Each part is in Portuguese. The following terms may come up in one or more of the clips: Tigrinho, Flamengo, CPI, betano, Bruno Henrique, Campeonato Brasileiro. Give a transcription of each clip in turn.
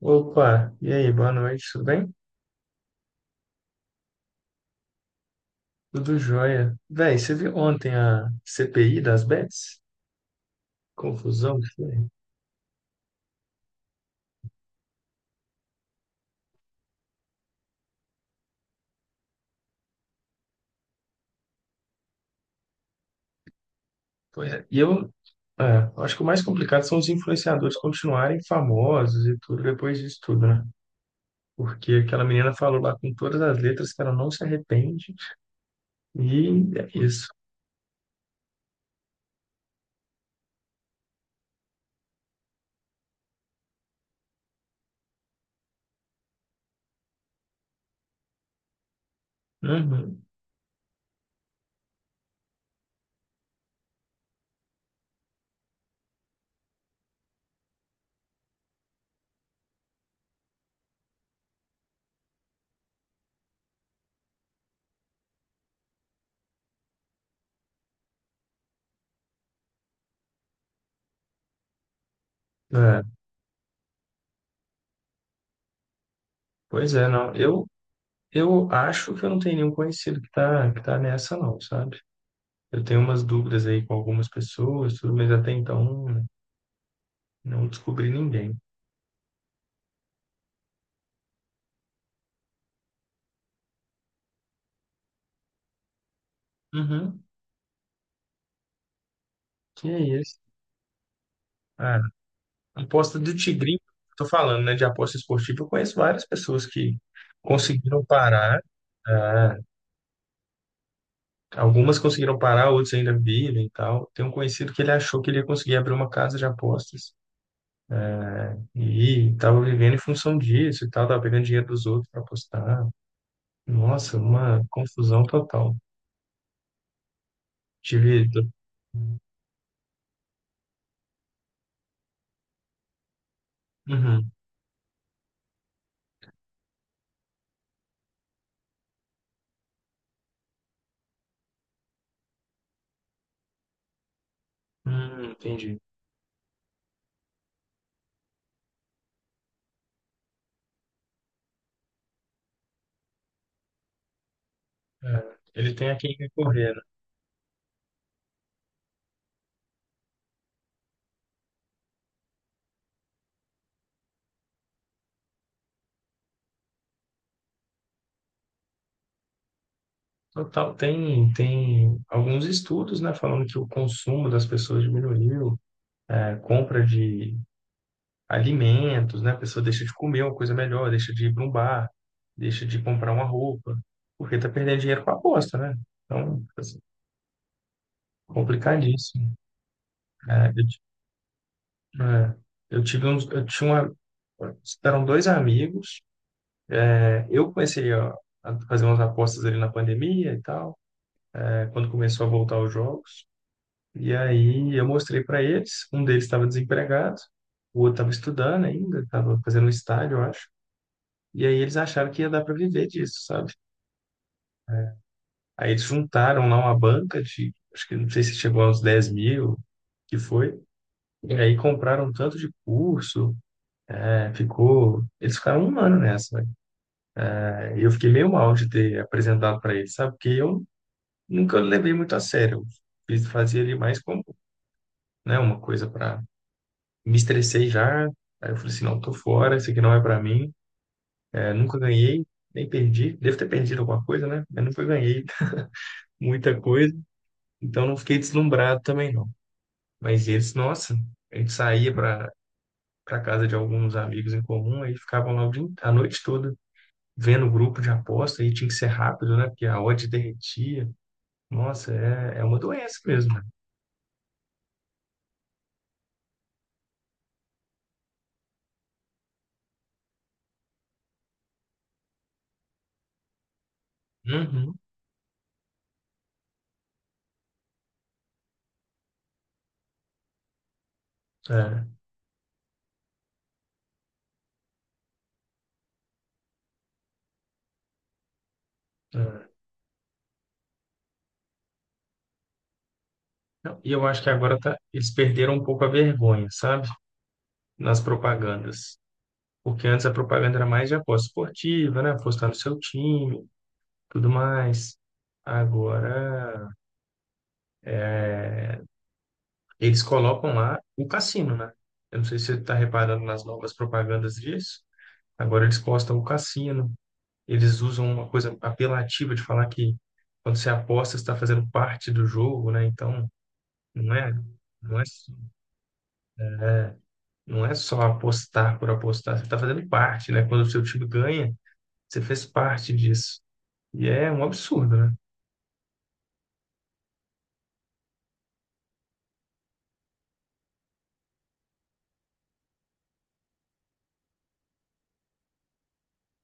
Opa, e aí, boa noite, tudo bem? Tudo jóia. Véi, você viu ontem a CPI das bets? Confusão que foi. Pois é. E é, eu acho que o mais complicado são os influenciadores continuarem famosos e tudo depois disso tudo, né? Porque aquela menina falou lá com todas as letras que ela não se arrepende e é isso. Uhum. É, pois é, não. Eu acho que eu não tenho nenhum conhecido que tá nessa, não, sabe? Eu tenho umas dúvidas aí com algumas pessoas, tudo, mas até então, né. Não descobri ninguém. Uhum. Que é isso? Ah, aposta do Tigrinho, tô falando, né? De aposta esportiva, eu conheço várias pessoas que conseguiram parar. Ah, algumas conseguiram parar, outras ainda vivem e tal. Tem um conhecido que ele achou que ele ia conseguir abrir uma casa de apostas e estava vivendo em função disso e tal, tava pegando dinheiro dos outros para apostar. Nossa, uma confusão total. Tive. Uhum. Entendi. É, ele tem a quem recorrer. Total, tem alguns estudos, né, falando que o consumo das pessoas diminuiu, é, compra de alimentos, né, a pessoa deixa de comer uma coisa melhor, deixa de ir para um bar, deixa de comprar uma roupa, porque tá perdendo dinheiro com a aposta, né? Então, assim, complicadíssimo. É, eu, ti- é, eu tive uns, eu tinha uma, eram dois amigos. Eu comecei a fazer umas apostas ali na pandemia e tal, quando começou a voltar os jogos. E aí eu mostrei para eles, um deles estava desempregado, o outro estava estudando ainda, estava fazendo um estágio, eu acho. E aí eles acharam que ia dar para viver disso, sabe? Aí eles juntaram lá uma banca de, acho que não sei se chegou aos 10 mil, que foi. E aí compraram um tanto de curso, né, ficou. Eles ficaram um ano nessa, né? E eu fiquei meio mal de ter apresentado para eles, sabe? Porque eu nunca levei muito a sério. Eu fazia ali mais como, né, uma coisa para me estressei já. Aí eu falei assim, não, tô fora, isso aqui não é pra mim. Nunca ganhei, nem perdi. Devo ter perdido alguma coisa, né? Mas nunca ganhei muita coisa. Então não fiquei deslumbrado também, não. Mas eles, nossa, a gente saía pra casa de alguns amigos em comum, aí ficavam lá a noite toda vendo o grupo de aposta, aí tinha que ser rápido, né? Porque a odd derretia. Nossa, é, é uma doença mesmo, né? Uhum, é, é. Não, e eu acho que agora eles perderam um pouco a vergonha, sabe? Nas propagandas. Porque antes a propaganda era mais de aposta esportiva, né? Apostar no seu time, tudo mais. Agora, eles colocam lá o cassino, né? Eu não sei se você está reparando nas novas propagandas disso. Agora eles postam o cassino. Eles usam uma coisa apelativa de falar que quando você aposta, você está fazendo parte do jogo, né? Então, não é, não é, não é só apostar por apostar, você está fazendo parte, né? Quando o seu time ganha, você fez parte disso. E é um absurdo, né?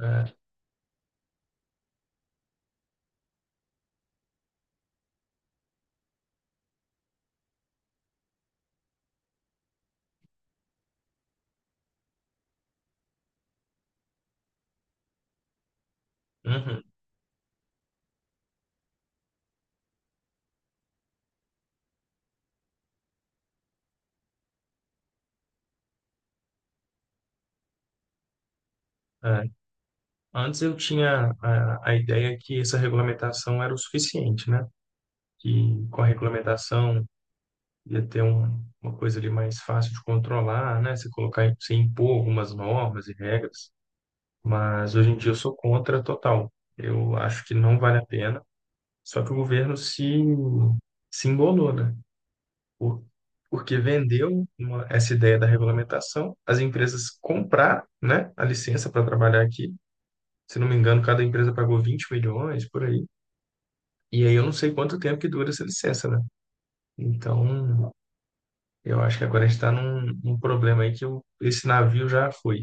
É. Uhum. É, antes eu tinha a ideia que essa regulamentação era o suficiente, né? Que com a regulamentação ia ter uma coisa ali mais fácil de controlar, né? Você colocar, você impor algumas normas e regras, mas hoje em dia eu sou contra total. Eu acho que não vale a pena. Só que o governo se embolou, né? Por- porque vendeu essa ideia da regulamentação, as empresas compraram, né, a licença para trabalhar aqui. Se não me engano, cada empresa pagou 20 milhões por aí. E aí eu não sei quanto tempo que dura essa licença, né? Então, eu acho que agora a gente está num problema aí que esse navio já foi.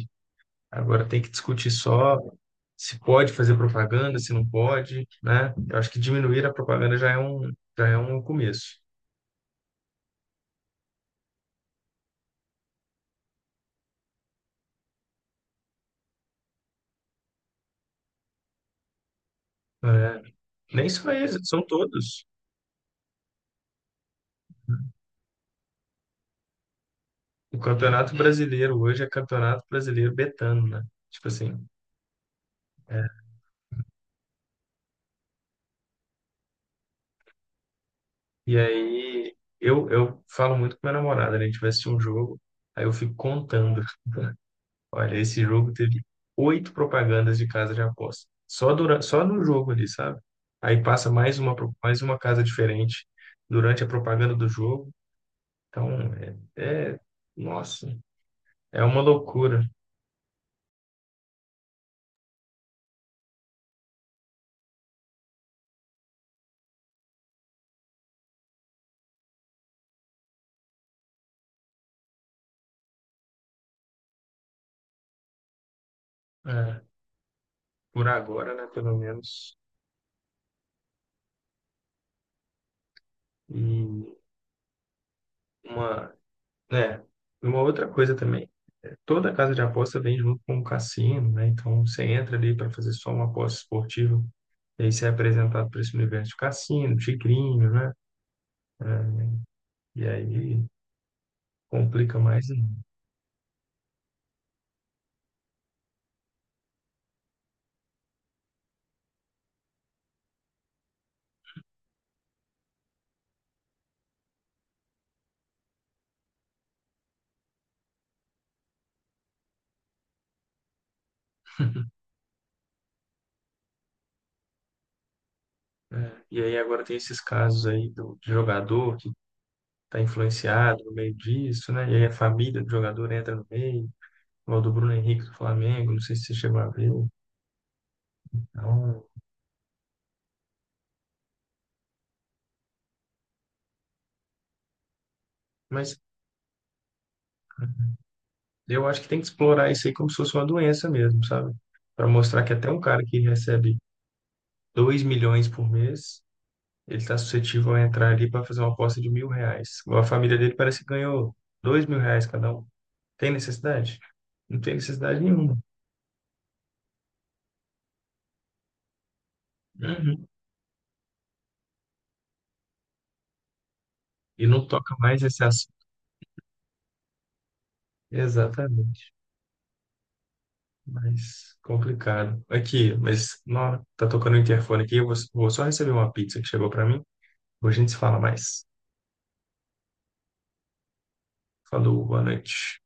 Agora tem que discutir só se pode fazer propaganda, se não pode, né? Eu acho que diminuir a propaganda já é já é um começo, né? Nem só eles, são todos. O Campeonato Brasileiro hoje é Campeonato Brasileiro betano, né? Tipo assim. é, E aí eu falo muito com minha namorada, né? A gente vai assistir um jogo, aí eu fico contando. Olha, esse jogo teve oito propagandas de casa de aposta. Só durante, só no jogo ali, sabe? Aí passa mais uma casa diferente durante a propaganda do jogo. Então, é, é- nossa, é uma loucura. É, por agora, né? Pelo menos. E uma, né? Uma outra coisa também. Toda casa de aposta vem junto com o cassino, né? Então você entra ali para fazer só uma aposta esportiva, e aí você é apresentado para esse universo de cassino, tigrinho, né? É, E aí complica mais ainda, né? E aí agora tem esses casos aí do de jogador que está influenciado no meio disso, né? E aí a família do jogador entra no meio, igual do Bruno Henrique do Flamengo, não sei se você chegou a ver. Então, mas eu acho que tem que explorar isso aí como se fosse uma doença mesmo, sabe? Para mostrar que até um cara que recebe 2 milhões por mês, ele está suscetível a entrar ali para fazer uma aposta de mil reais. A família dele parece que ganhou dois mil reais cada um. Tem necessidade? Não tem necessidade nenhuma. Uhum. E não toca mais esse assunto. Exatamente. Mas complicado. Aqui, mas não, tá tocando o interfone aqui. Eu vou só receber uma pizza que chegou para mim. Hoje a gente se fala mais. Falou, boa noite.